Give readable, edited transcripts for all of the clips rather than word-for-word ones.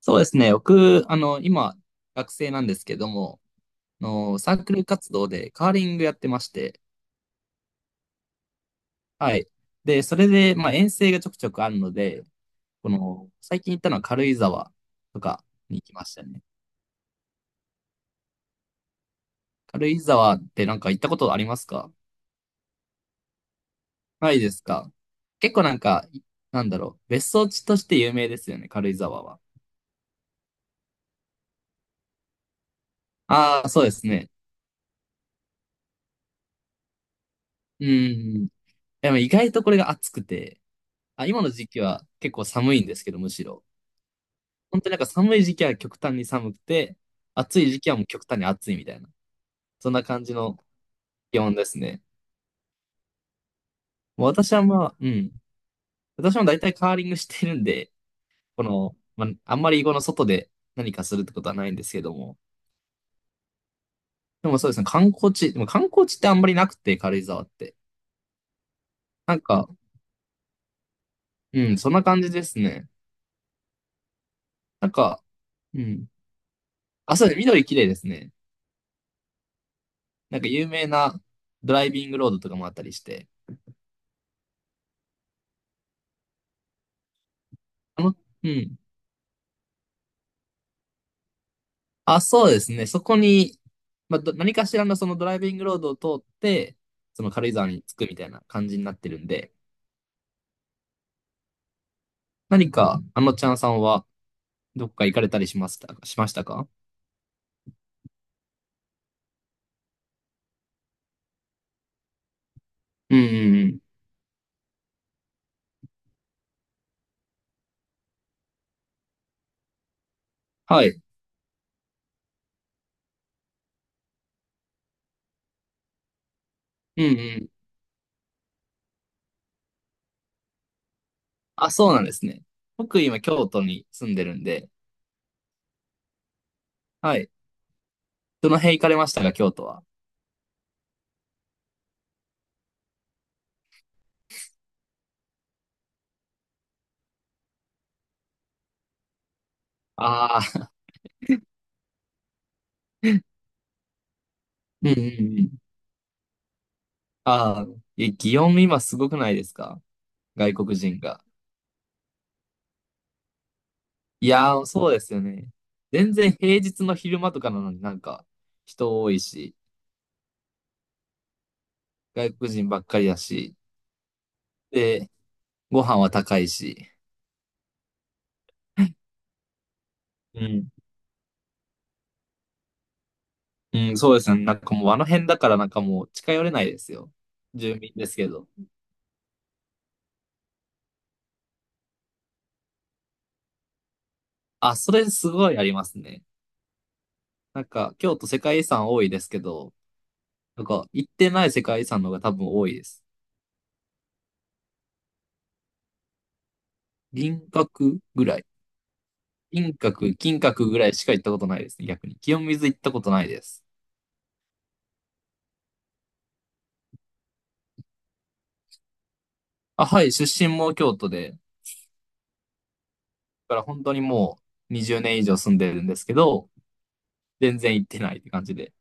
そうですね。僕、今、学生なんですけども、サークル活動でカーリングやってまして、はい。で、それで、まあ、遠征がちょくちょくあるので、最近行ったのは軽井沢とかに行きましたね。軽井沢ってなんか行ったことありますか？ないですか？結構なんか、なんだろう、別荘地として有名ですよね、軽井沢は。ああ、そうですね。うん。でも意外とこれが暑くて、あ、今の時期は結構寒いんですけど、むしろ。本当になんか寒い時期は極端に寒くて、暑い時期はもう極端に暑いみたいな。そんな感じの気温ですね。もう私はまあ、うん。私も大体カーリングしてるんで、まあ、あんまりこの外で何かするってことはないんですけども。でもそうですね、観光地、でも観光地ってあんまりなくて、軽井沢って。なんか、うん、そんな感じですね。なんか、うん。あ、そうですね、緑綺麗ですね。なんか有名なドライビングロードとかもあったりして。あの、うん。あ、そうですね。そこに、まあ、何かしらのそのドライビングロードを通って、その軽井沢に着くみたいな感じになってるんで、何か、あのちゃんさんは、どっか行かれたりしましたか、うんうんうん。はい。うんうん。あ、そうなんですね。僕今、京都に住んでるんで、はい。どの辺行かれましたか、京都は。ああ、うんうんうん。ああ、え、祇園今すごくないですか？外国人が。いやー、そうですよね。全然平日の昼間とかなのになんか人多いし、外国人ばっかりだし、で、ご飯は高いし。うん。うん、そうですね。なんかもうあの辺だからなんかもう近寄れないですよ。住民ですけど。あ、それすごいありますね。なんか京都世界遺産多いですけど、なんか行ってない世界遺産の方が多分多いです。銀閣ぐらい。銀閣、金閣ぐらいしか行ったことないですね、逆に。清水行ったことないです。あ、はい、出身も京都で、から本当にもう20年以上住んでるんですけど、全然行ってないって感じで。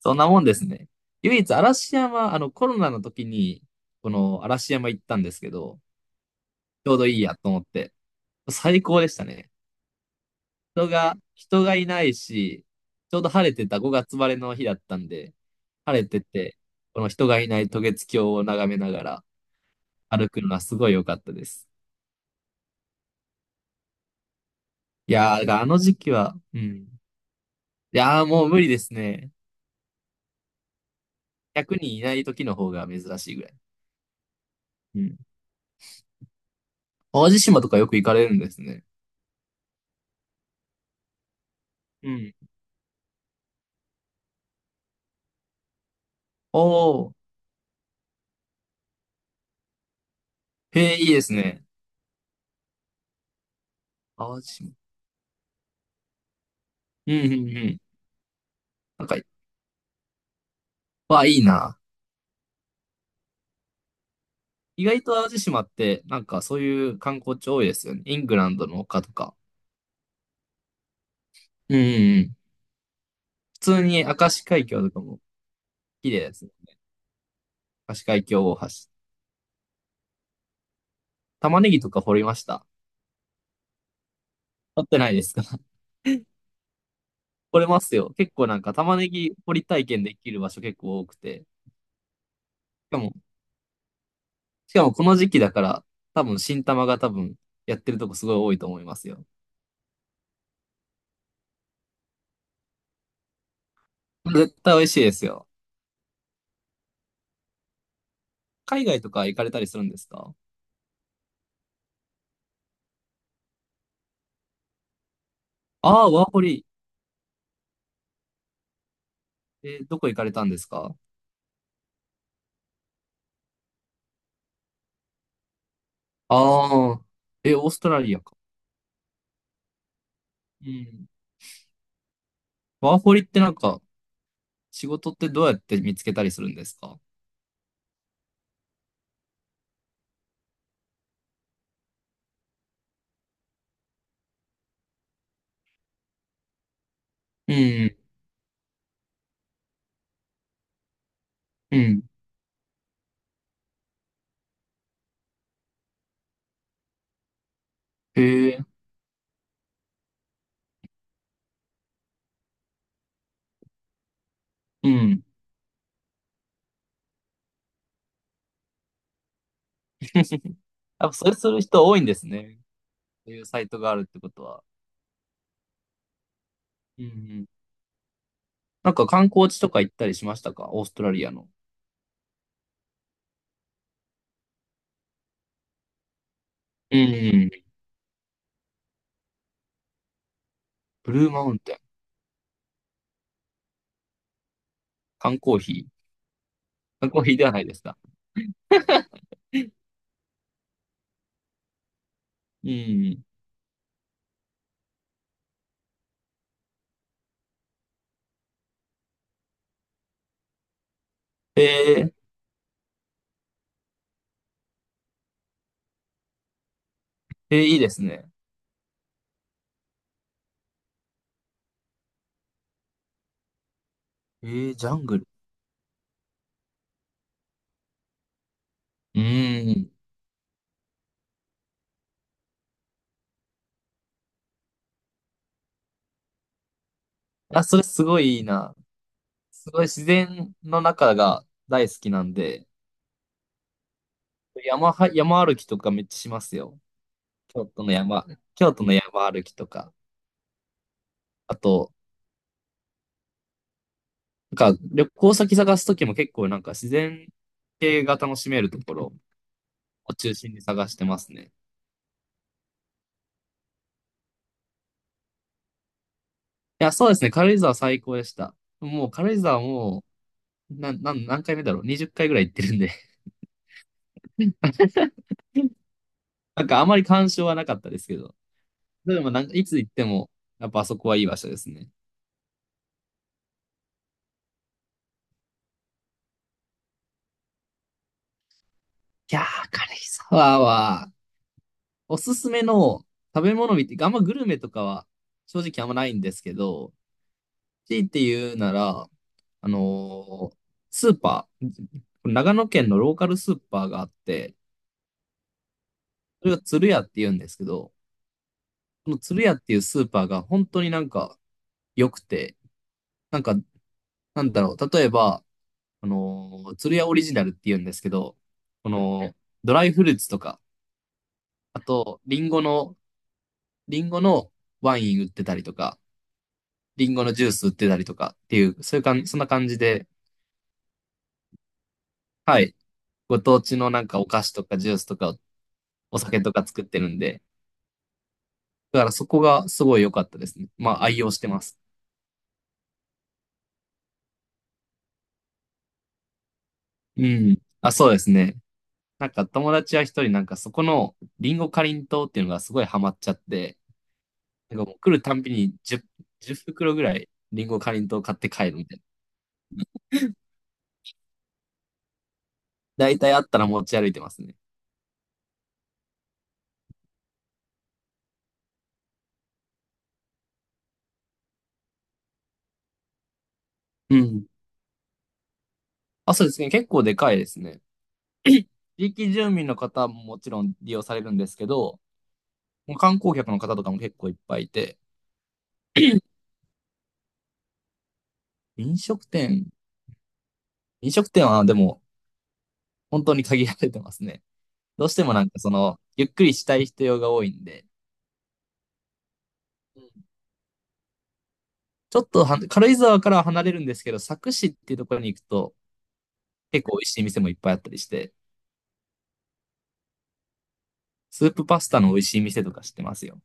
そんなもんですね。唯一嵐山、あのコロナの時に、この嵐山行ったんですけど、ちょうどいいやと思って、最高でしたね。人がいないし、ちょうど晴れてた5月晴れの日だったんで、晴れてて、この人がいない渡月橋を眺めながら歩くのはすごい良かったです。いやー、だからあの時期は、うん。いやー、もう無理ですね。100人いない時の方が珍しいぐらい。うん。淡路島とかよく行かれるんですね。うん。おー、へえ、いいですね。淡路島。うん、うん、うん。なんか、わあ、いいな。意外と淡路島って、なんかそういう観光地多いですよね。イングランドの丘とか。うん、うん、うん。普通に明石海峡とかも綺麗ですね。明石海峡大橋。玉ねぎとか掘りました。掘ってないですか？ 掘れますよ。結構なんか玉ねぎ掘り体験できる場所結構多くて。しかも、しかもこの時期だから、新玉が多分やってるとこすごい多いと思いますよ。絶対美味しいですよ。海外とか行かれたりするんですか？ああー、ワーホリ。えーどこ行かれたんですか？ああー、え、オーストラリアか。うん。ワーホリってなんか、仕事ってどうやって見つけたりするんですか？うん、うん。へえ、うん。やっぱそれする人多いんですね。そういうサイトがあるってことは。うんうん。なんか観光地とか行ったりしましたか？オーストラリアの。うん。ブルーマウンテン。缶コーヒー。缶コーヒーではないですか。うん。えー、えーいいですね。えー、ジャングル。うーん。あ、それすごいいいな。すごい自然の中が大好きなんで、山は、山歩きとかめっちゃしますよ。京都の山、京都の山歩きとか。あと、なんか旅行先探すときも結構なんか自然系が楽しめるところを中心に探してますね。いや、そうですね。軽井沢最高でした。もう軽井沢もう、な、なん、何回目だろう？ 20 回ぐらい行ってるんで。なんかあまり干渉はなかったですけど。でもなんか、いつ行っても、やっぱあそこはいい場所ですね。いやー、軽井沢は、おすすめの食べ物見て、あんまグルメとかは正直あんまないんですけど、強いて言うなら、あのースーパー、長野県のローカルスーパーがあって、それが鶴屋って言うんですけど、この鶴屋っていうスーパーが本当になんか良くて、なんか、なんだろう、例えば、鶴屋オリジナルって言うんですけど、この、ドライフルーツとか、あと、リンゴのワイン売ってたりとか、リンゴのジュース売ってたりとかっていう、そういうかんそんな感じで、はい。ご当地のなんかお菓子とかジュースとかお酒とか作ってるんで、だからそこがすごい良かったですね。まあ愛用してます。うん。あ、そうですね。なんか友達は一人なんかそこのリンゴかりんとうっていうのがすごいハマっちゃって、なんかもう来るたんびに10、じゅう袋ぐらいリンゴかりんとう買って帰るみたいな。だいたいあったら持ち歩いてますね。うん。あ、そうですね。結構でかいですね。地域住民の方ももちろん利用されるんですけど、観光客の方とかも結構いっぱいいて、飲食店、飲食店はでも本当に限られてますね。どうしてもなんかその、ゆっくりしたい人用が多いんで、ちょっとは軽井沢からは離れるんですけど、佐久市っていうところに行くと、結構美味しい店もいっぱいあったりして、スープパスタの美味しい店とか知ってますよ。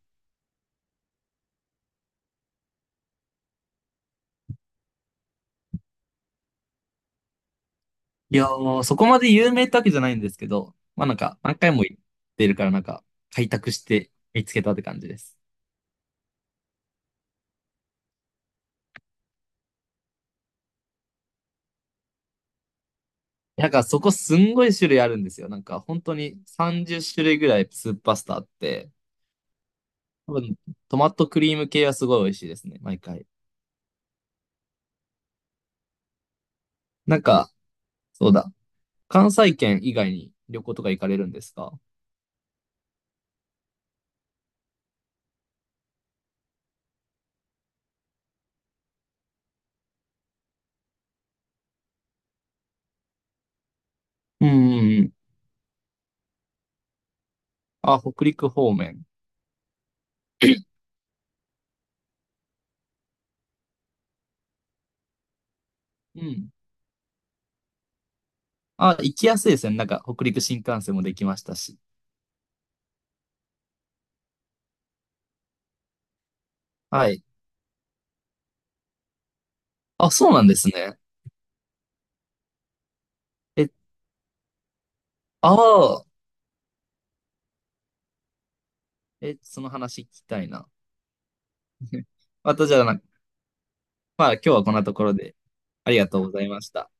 いやー、そこまで有名ってわけじゃないんですけど、まあなんか、何回も行ってるからなんか、開拓して見つけたって感じです。なんかそこすんごい種類あるんですよ。なんか本当に30種類ぐらいスープパスタあって、多分トマトクリーム系はすごい美味しいですね、毎回。なんか、そうだ。関西圏以外に旅行とか行かれるんですか？うんうんうん。あ、北陸方面。うん。あ、行きやすいですね。なんか北陸新幹線もできましたし。はい。あ、そうなんですね。え、ああ、え、その話聞きたいな。またじゃあな、まあ今日はこんなところでありがとうございました。